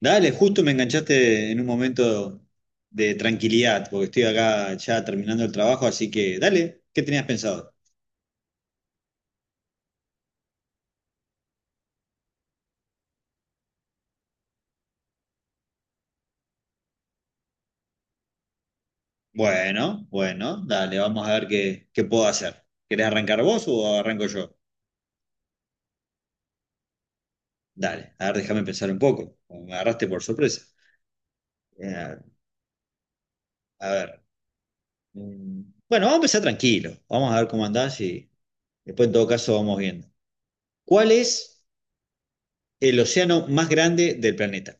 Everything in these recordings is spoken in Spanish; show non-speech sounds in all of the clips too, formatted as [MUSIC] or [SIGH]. Dale, justo me enganchaste en un momento de tranquilidad, porque estoy acá ya terminando el trabajo, así que dale, ¿qué tenías pensado? Bueno, bueno, dale, vamos a ver qué puedo hacer. ¿Querés arrancar vos o arranco yo? Dale, a ver, déjame pensar un poco, me agarraste por sorpresa. Eh, a ver, mm, bueno, vamos a empezar tranquilo, vamos a ver cómo andás y después en todo caso vamos viendo. ¿Cuál es el océano más grande del planeta?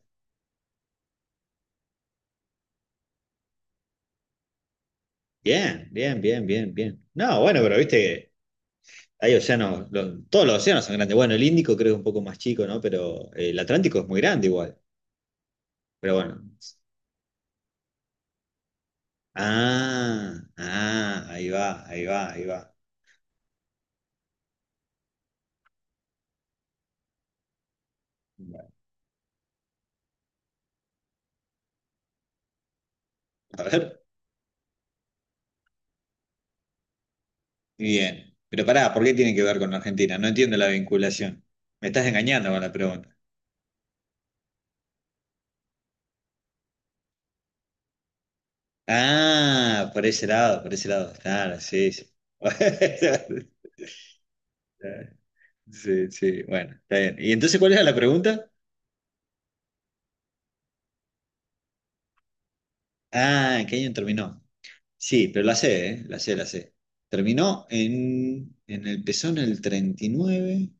Bien, bien, bien, bien, bien. No, bueno, pero viste. Hay océanos, todos los océanos son grandes. Bueno, el Índico creo que es un poco más chico, ¿no? Pero el Atlántico es muy grande igual. Pero bueno. Ah, ah, ahí va, ahí va, ahí va. Bueno, a ver, bien. Pero pará, ¿por qué tiene que ver con Argentina? No entiendo la vinculación. Me estás engañando con la pregunta. Ah, por ese lado, por ese lado. Claro, sí, sí. [LAUGHS] Sí, sí, bueno, está bien. ¿Y entonces cuál era la pregunta? Ah, ¿en qué año terminó? Sí, pero la sé, ¿eh? La sé, la sé. Terminó en el pezón el 39.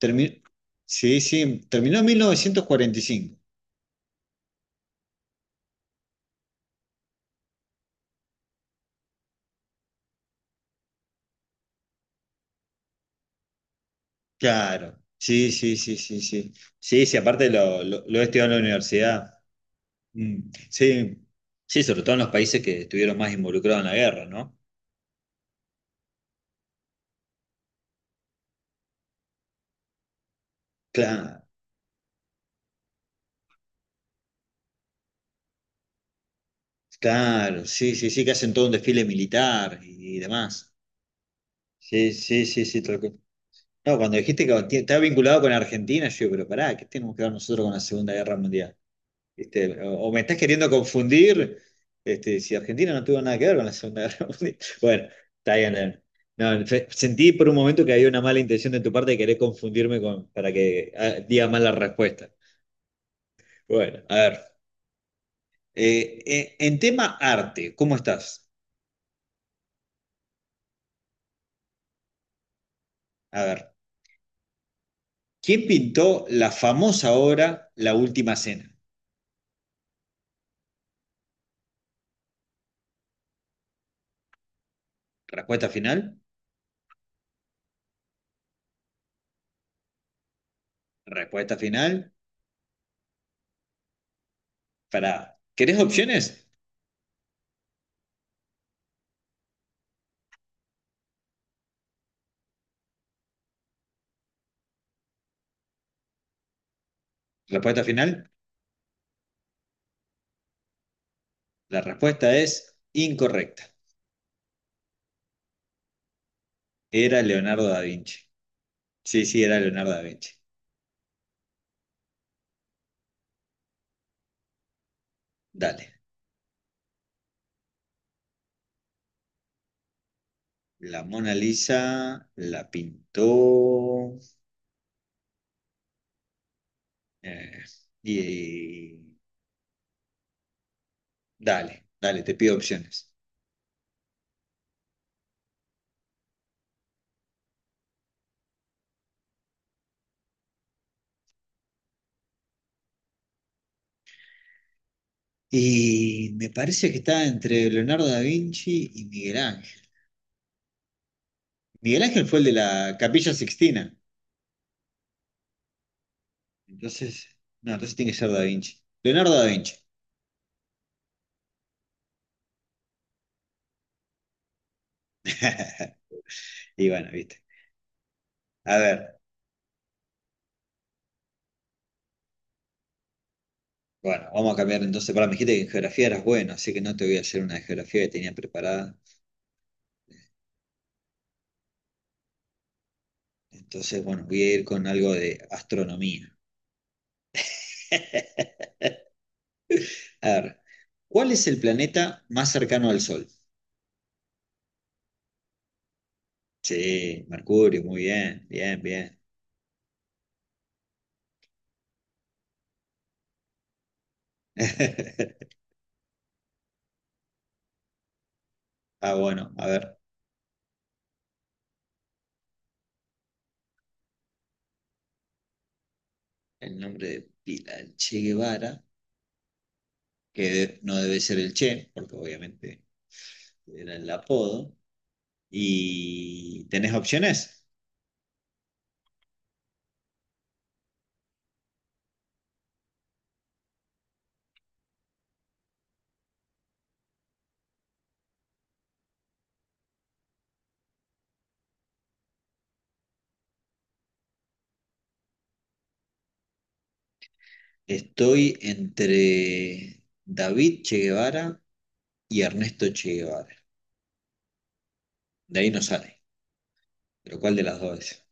Termi- sí, sí, terminó en 1945. Claro. Sí, sí, sí, sí, sí. Sí, sí, aparte lo he estudiado en la universidad. Mm, sí, sí, sobre todo en los países que estuvieron más involucrados en la guerra, ¿no? Claro, claro, sí, sí, sí, que hacen todo un desfile militar y demás. Sí, sí, sí, sí, tal cual. No, cuando dijiste que estaba vinculado con Argentina, yo digo, pero pará, ¿qué tenemos que ver nosotros con la Segunda Guerra Mundial? ¿Viste? O me estás queriendo confundir, este, si Argentina no tuvo nada que ver con la Segunda Guerra [LAUGHS] Mundial. Bueno, está bien, Leandro. No, sentí por un momento que había una mala intención de tu parte de querer confundirme con, para que diga mal la respuesta. Bueno, a ver. En tema arte, ¿cómo estás? A ver, ¿quién pintó la famosa obra La Última Cena? Respuesta final, respuesta final. Para, ¿querés opciones? Respuesta final. La respuesta es incorrecta. Era Leonardo da Vinci. Sí, sí, era Leonardo da Vinci. Dale. La Mona Lisa la pintó. eh, y, y- dale, dale, te pido opciones. Y me parece que está entre Leonardo da Vinci y Miguel Ángel. Miguel Ángel fue el de la Capilla Sixtina. Entonces, no, entonces tiene que ser da Vinci. Leonardo da Vinci. [LAUGHS] Y bueno, viste. A ver. Bueno, vamos a cambiar entonces. Para, me dijiste que en geografía eras bueno, así que no te voy a hacer una de geografía que tenía preparada. Entonces, bueno, voy a ir con algo de astronomía. [LAUGHS] A ver, ¿cuál es el planeta más cercano al Sol? Sí, Mercurio, muy bien, bien, bien. [LAUGHS] Ah, bueno, a ver, el nombre de pila del Che Guevara, que no debe ser el Che, porque obviamente era el apodo. ¿Y tenés opciones? Estoy entre David Che Guevara y Ernesto Che Guevara. De ahí no sale. Pero ¿cuál de las dos es?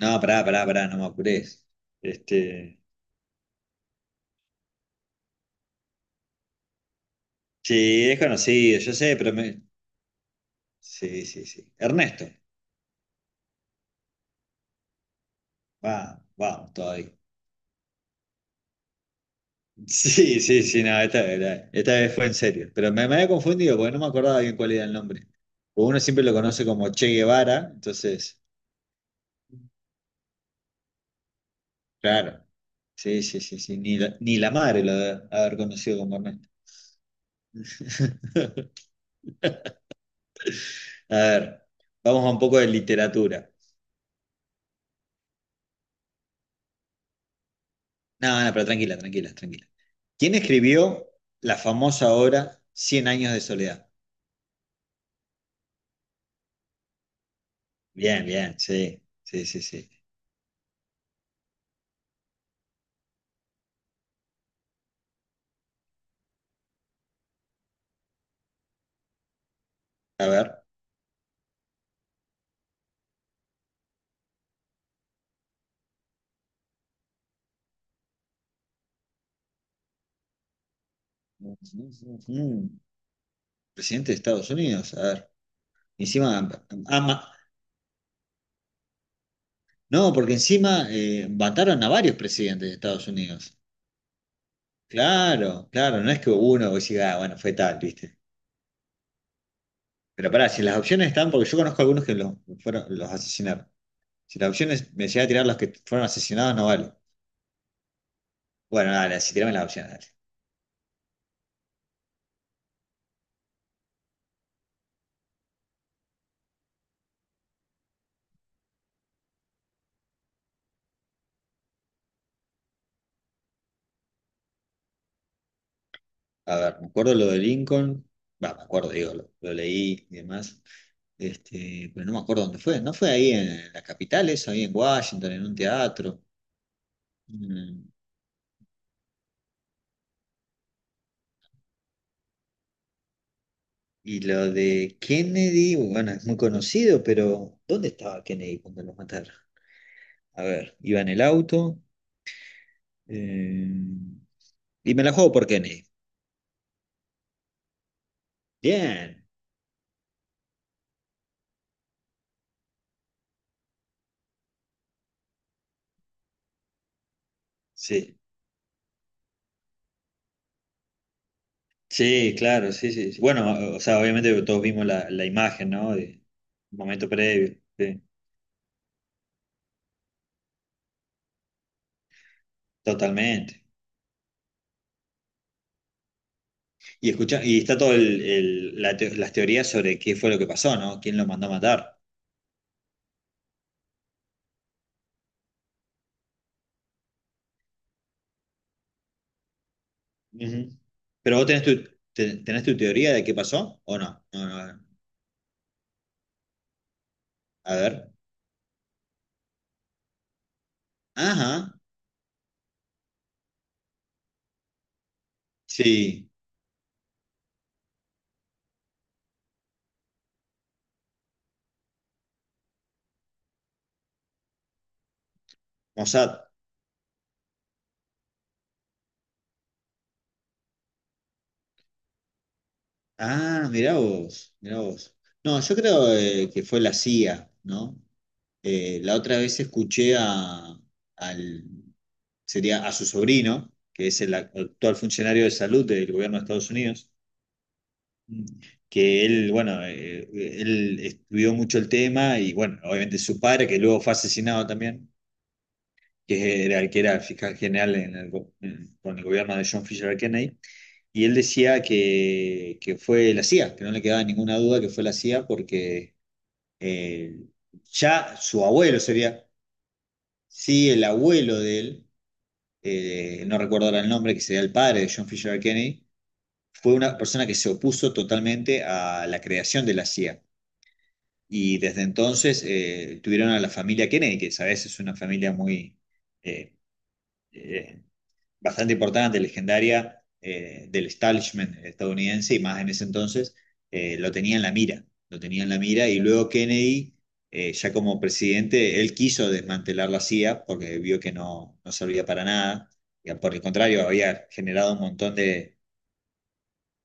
No, pará, pará, pará, no me apures. Este, sí, es conocido, yo sé, pero me. Sí, sí, sí. Ernesto. Va, vamos, todavía. [LAUGHS] Sí, sí, sí, no, esta vez fue en serio. Pero me había confundido porque no me acordaba bien cuál era el nombre. Porque uno siempre lo conoce como Che Guevara, entonces, claro. Sí, sí, sí, sí. Ni la madre lo debe haber conocido como Ernesto. [LAUGHS] A ver, vamos a un poco de literatura. No, no, pero tranquila, tranquila, tranquila. ¿Quién escribió la famosa obra Cien años de soledad? Bien, bien, sí, sí, sí, sí. A ver. Mm, Presidente de Estados Unidos, a ver. Encima, ama- no, porque encima mataron a varios presidentes de Estados Unidos. Claro, claro, no es que uno vos diga, ah, bueno, fue tal, ¿viste? Pero pará, si las opciones están, porque yo conozco algunos que los, fueron, los asesinaron. Si las opciones me llega a tirar los que fueron asesinados, no vale. Bueno, dale, si tirame las opciones, dale. A ver, me acuerdo lo de Lincoln. Va, me acuerdo, digo, lo leí y demás. Este, pero no me acuerdo dónde fue. ¿No fue ahí en la capital eso? Ahí en Washington, en un teatro. Mm, Y lo de Kennedy, bueno, es muy conocido, pero ¿dónde estaba Kennedy cuando lo mataron? A ver, iba en el auto. eh, y me la juego por Kennedy. Bien, sí. Sí, claro, sí, sí, sí. Bueno, o sea, obviamente todos vimos la imagen, ¿no? De momento previo, sí, totalmente. Y escucha, y está todo las teorías sobre qué fue lo que pasó, ¿no? ¿Quién lo mandó a matar? Ujú. Pero vos tenés tu teoría de qué pasó, ¿o no? No, no, a ver. Ajá. Sí. Mossad. Ah, mirá vos, mirá vos. No, yo creo que fue la CIA, ¿no? La otra vez escuché a, al sería a su sobrino, que es el actual funcionario de salud del gobierno de Estados Unidos, que él, bueno, él estudió mucho el tema y, bueno, obviamente su padre, que luego fue asesinado también, que era el que era fiscal general en el con el gobierno de John Fisher Kennedy, y él decía que fue la CIA, que no le quedaba ninguna duda que fue la CIA porque eh, ya su abuelo sería, sí, el abuelo de él, no recuerdo ahora el nombre, que sería el padre de John Fisher Kennedy, fue una persona que se opuso totalmente a la creación de la CIA. Y desde entonces tuvieron a la familia Kennedy, que sabes es una familia muy eh, eh, bastante importante, legendaria del establishment estadounidense, y más en ese entonces lo tenía en la mira, lo tenía en la mira, y luego Kennedy, ya como presidente, él quiso desmantelar la CIA porque vio que no, no servía para nada, y por el contrario había generado un montón de.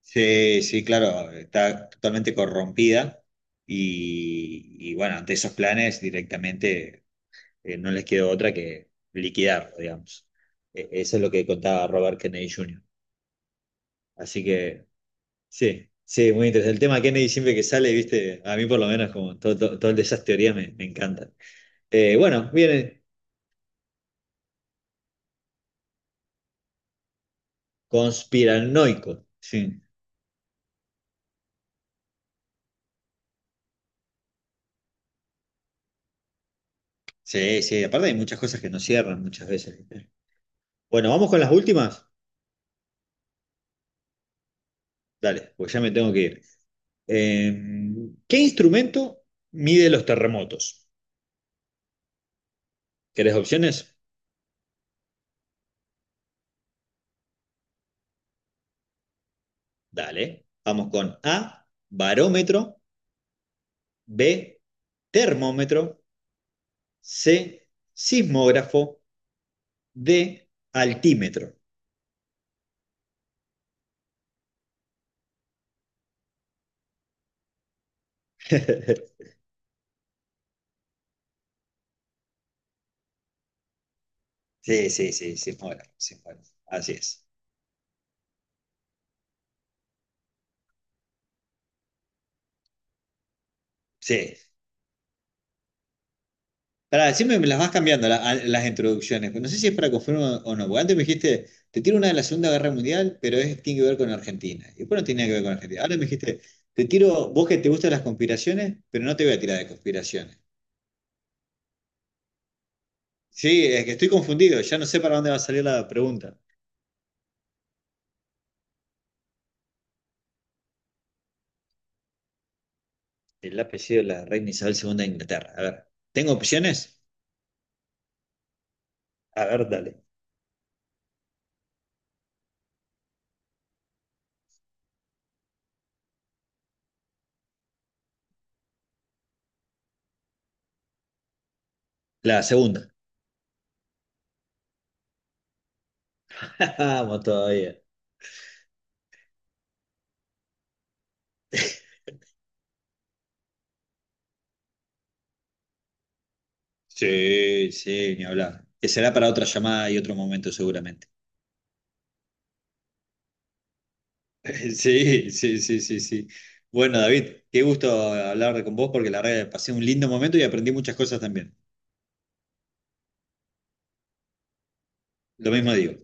Sí, sí, claro, está totalmente corrompida y bueno, ante esos planes directamente no les quedó otra que liquidar, digamos. Eso es lo que contaba Robert Kennedy Jr. Así que sí, sí, muy interesante. El tema de Kennedy siempre que sale, viste, a mí por lo menos como todas esas teorías me encantan. Bueno, viene conspiranoico. Sí, sí, sí, aparte hay muchas cosas que no cierran muchas veces. ¿Viste? Bueno, vamos con las últimas. Dale, pues ya me tengo que ir. ¿Qué instrumento mide los terremotos? ¿Querés opciones? Dale. Vamos con A, barómetro, B, termómetro, C, sismógrafo, D, altímetro. [LAUGHS] Sí, sí, sí, sismógrafo, sismógrafo. Así es. Sí, pará, siempre me las vas cambiando las introducciones. Pero no sé si es para confirmar o no. Porque antes me dijiste, te tiro una de la Segunda Guerra Mundial, pero es, tiene que ver con Argentina. Y después no tiene nada que ver con Argentina. Ahora me dijiste, te tiro, vos que te gustan las conspiraciones, pero no te voy a tirar de conspiraciones. Sí, es que estoy confundido. Ya no sé para dónde va a salir la pregunta. El apellido de la reina Isabel II de Inglaterra. A ver, ¿tengo opciones? A ver, dale. La segunda. [LAUGHS] Vamos todavía. Sí, sí, ni hablar. Que será para otra llamada y otro momento seguramente. [LAUGHS] Sí, sí, sí, sí, sí. Bueno, David, qué gusto hablar con vos porque la verdad que pasé un lindo momento y aprendí muchas cosas también. Lo mismo digo.